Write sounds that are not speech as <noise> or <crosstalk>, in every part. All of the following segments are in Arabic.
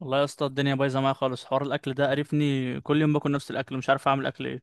والله يا اسطى الدنيا بايظه معايا خالص. حوار الاكل ده قرفني، كل يوم باكل نفس الاكل، مش عارف اعمل اكل ايه.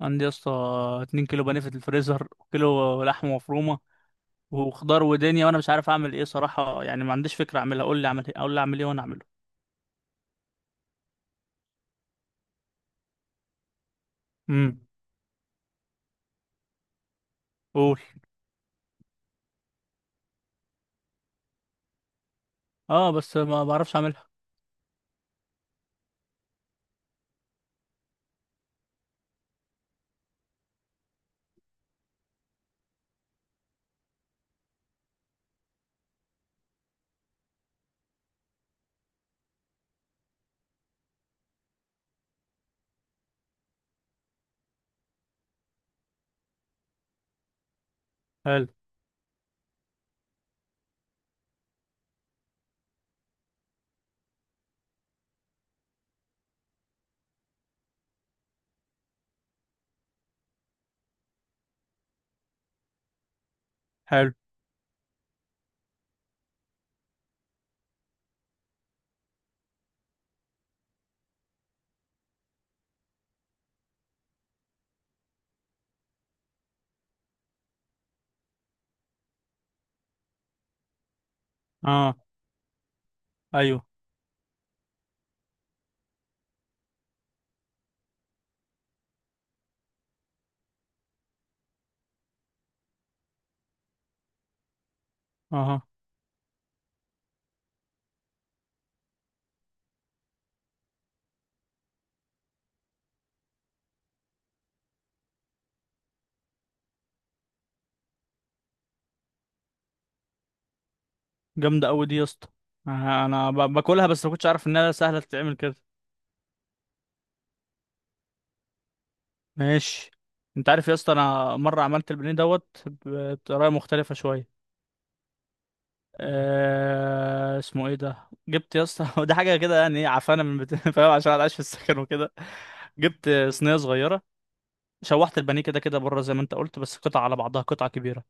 عندي يا اسطى 2 كيلو بانيه في الفريزر وكيلو لحمه مفرومه وخضار ودنيا، وانا مش عارف اعمل ايه صراحه. يعني ما عنديش فكره اعملها، قول لي اعمل ايه، اقول لي اعمل ايه وانا اعمله. امم قول. اه بس ما بعرفش اعملها. حلو. حلو. اه. ايوه. اه. جامده قوي دي يا اسطى. انا باكلها بس ما كنتش عارف انها سهله تتعمل كده. ماشي. انت عارف يا اسطى انا مره عملت البانيه دوت بطريقه مختلفه شويه. آه اسمه ايه ده. جبت يا اسطى <laughs> ده حاجه كده يعني ايه عفانه <laughs> فاهم، عشان انا عايش في السكن وكده. جبت صينيه صغيره، شوحت البانيه كده كده بره زي ما انت قلت بس قطع على بعضها قطعه كبيره.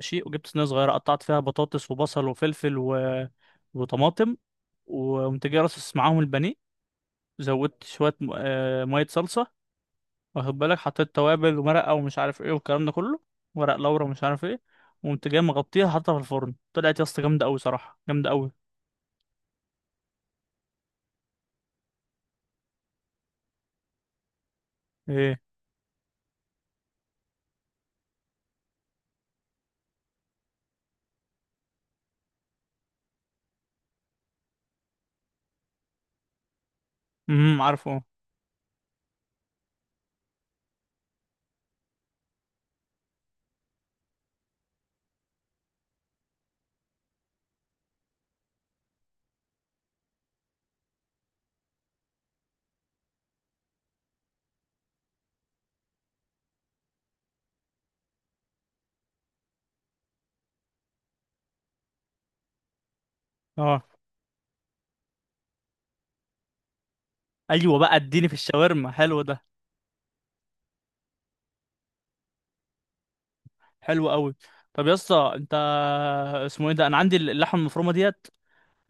ماشي، وجبت صينيه صغيره قطعت فيها بطاطس وبصل وفلفل وطماطم، وقمت جاي رصص معاهم البانيه. زودت شويه م... آه ميه صلصه. واخد بالك، حطيت توابل ومرقه ومش عارف ايه والكلام ده كله، ورق لورا ومش عارف ايه. وقمت جاي مغطيها، حاطها في الفرن، طلعت يا اسطى جامده قوي صراحه، جامده قوي. ايه. امم، عارفه. اه. ايوه بقى، اديني في الشاورما حلو ده. حلو قوي. طب يا اسطى انت، اسمه ايه ده، انا عندي اللحمه المفرومه ديت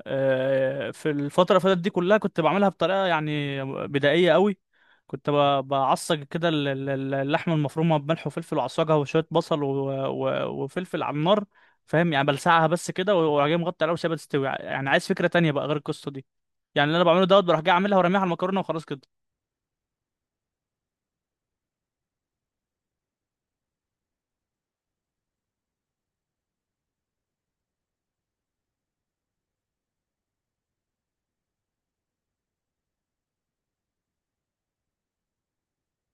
في الفتره اللي فاتت دي كلها كنت بعملها بطريقه يعني بدائيه قوي. كنت بعصج كده اللحمه المفرومه بملح وفلفل وعصاجها وشويه بصل وفلفل على النار. فاهم يعني بلسعها بس كده، واروح جاي مغطي عليها وسيبها تستوي. يعني عايز فكره تانية بقى غير القصه دي، يعني اللي انا بعمله دوت بروح جاي اعملها ورميها على المكرونه وخلاص كده.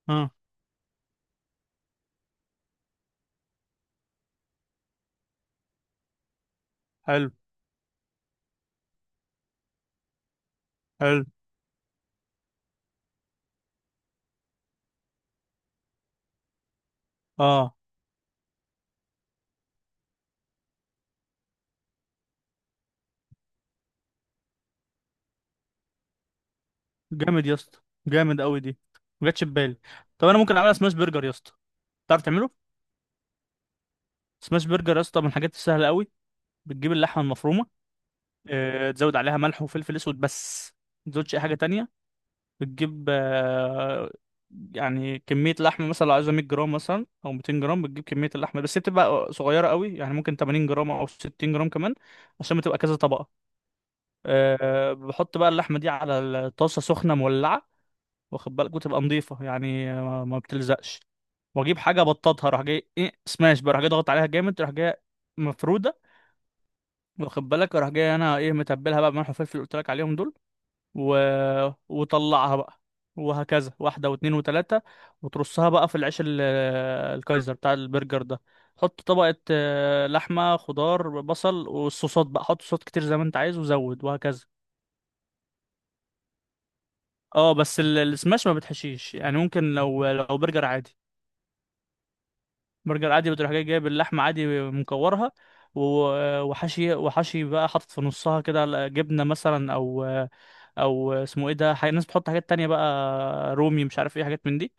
اه. حلو. حلو. اه. جامد يا اسطى، جامد قوي دي، ما جاتش في بالي. طب انا ممكن اعملها سماش برجر يا اسطى؟ تعرف تعمله؟ سماش برجر يا اسطى من الحاجات السهله قوي. بتجيب اللحمه المفرومه، تزود عليها ملح وفلفل اسود بس، ما تزودش اي حاجه تانية. بتجيب يعني كميه لحمه، مثلا لو عايزها 100 جرام مثلا او 200 جرام، بتجيب كميه اللحمه بس هي بتبقى صغيره قوي، يعني ممكن 80 جرام او 60 جرام كمان، عشان بتبقى كذا طبقه. بحط بقى اللحمه دي على الطاسه سخنه مولعه، واخد بالك، وتبقى نظيفه يعني ما بتلزقش. واجيب حاجه بطاطها، اروح جاي ايه، سماش بقى، اروح جاي ضغط عليها جامد، اروح جاي مفروده. واخد بالك اروح جاي انا ايه، متبلها بقى بملح وفلفل اللي قلت لك عليهم دول و... وطلعها بقى، وهكذا واحده واثنين وثلاثه، وترصها بقى في العيش الكايزر بتاع البرجر ده. حط طبقه لحمه، خضار، بصل، والصوصات بقى حط صوصات كتير زي ما انت عايز وزود وهكذا. اه بس السماش ما بتحشيش، يعني ممكن لو برجر عادي. برجر عادي بتروح جاي جايب اللحمة عادي مكورها، وحشي، بقى حاطط في نصها كده جبنة مثلا أو أو اسمه إيه ده حاجة، الناس بتحط حاجات تانية بقى، رومي مش عارف إيه حاجات من دي.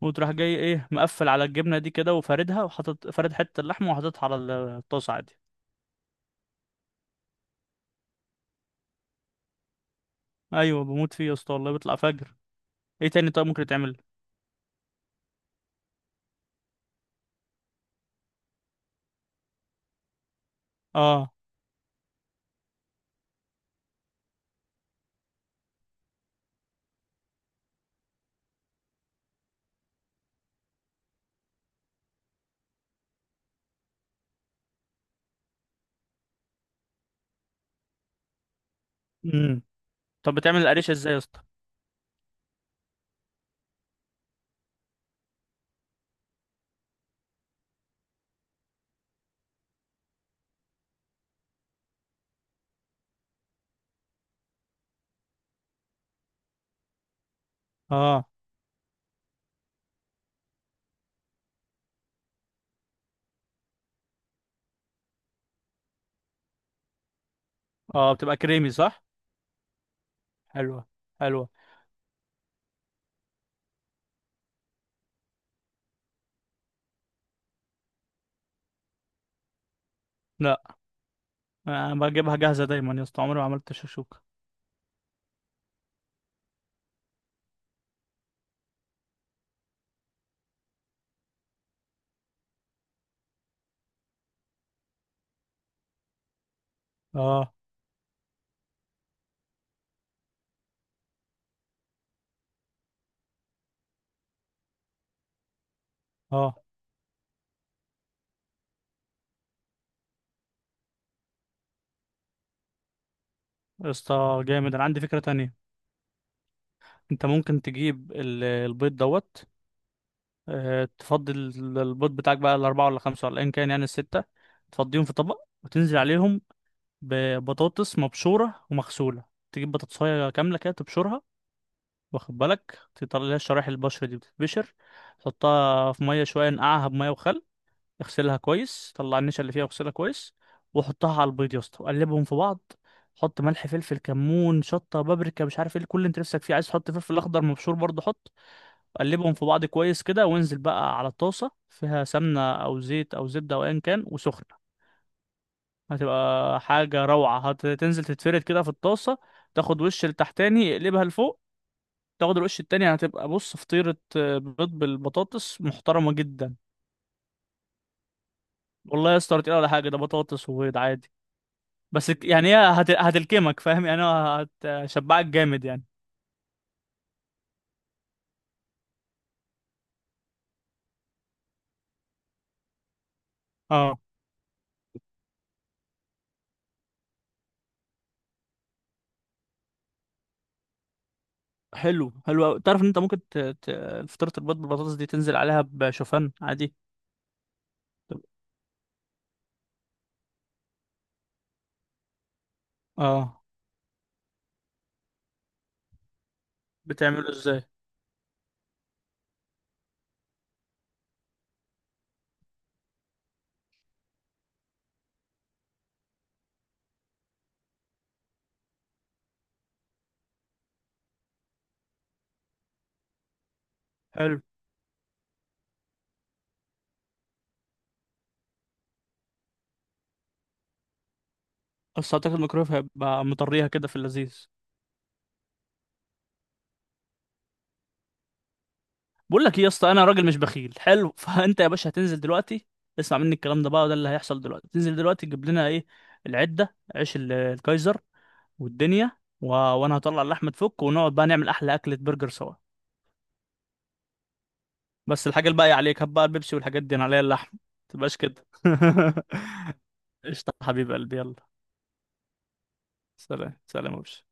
وتروح جاي إيه مقفل على الجبنة دي كده وفاردها وحاطط فارد حتة اللحمة وحاططها على الطاسة عادي. أيوة بموت فيه يا اسطى والله، بيطلع فجر. إيه تاني طيب ممكن يتعمل؟ آه. امم. طب بتعمل القريشة إزاي يا اسطى؟ آه. آه بتبقى كريمي صح؟ حلوة. حلوة. لا أنا بجيبها جاهزة دايما يا اسطى، عمري ما عملت شكشوكة. اه. اه يا اسطى جامد، انا عندي فكرة تانية. انت ممكن تجيب البيض دوت، تفضي البيض بتاعك بقى، الاربعة ولا خمسة ولا ايا كان يعني الستة، تفضيهم في طبق وتنزل عليهم ببطاطس مبشورة ومغسولة. تجيب بطاطساية كاملة كده تبشرها، واخد بالك تطلع لها الشرايح، البشر دي بتتبشر. تحطها في مية شوية، نقعها بمية وخل، اغسلها كويس، طلع النشا اللي فيها واغسلها كويس. وحطها على البيض يا اسطى وقلبهم في بعض. حط ملح، فلفل، كمون، شطه، بابريكا، مش عارف ايه، كل اللي انت نفسك فيه. عايز تحط فلفل اخضر مبشور برضه حط. قلبهم في بعض كويس كده، وانزل بقى على الطاسه فيها سمنه او زيت او زبده او ايا كان وسخنه. هتبقى حاجه روعه. هتنزل تتفرد كده في الطاسه، تاخد وش لتحتاني اقلبها لفوق، تاخد الوش التاني، هتبقى بص فطيره بيض بالبطاطس محترمه جدا. والله يا اسطى ولا تقيلة ولا حاجه، ده بطاطس وبيض عادي. بس يعني هي هتلكمك، فاهم يعني، هو هتشبعك جامد يعني. اه. حلو، حلو أوي. تعرف ان انت ممكن فطيرة البيض بالبطاطس دي تنزل عليها بشوفان عادي. طب. اه بتعمله ازاي؟ حلو. بس اعتقد الميكرويف هيبقى مطريها كده في اللذيذ. بقول لك ايه يا اسطى، انا راجل مش بخيل حلو <laughs> فانت يا باشا هتنزل دلوقتي، اسمع مني الكلام ده بقى، وده اللي هيحصل دلوقتي. تنزل دلوقتي تجيب لنا ايه، العدة، عيش الكايزر والدنيا وانا هطلع اللحمة تفك ونقعد بقى نعمل احلى اكلة برجر سوا. بس الحاجة الباقية عليك، هات بقى البيبسي والحاجات دي، انا عليا اللحم. متبقاش كده <laughs> قشطة حبيب قلبي يلا. سلام سلام يا باشا.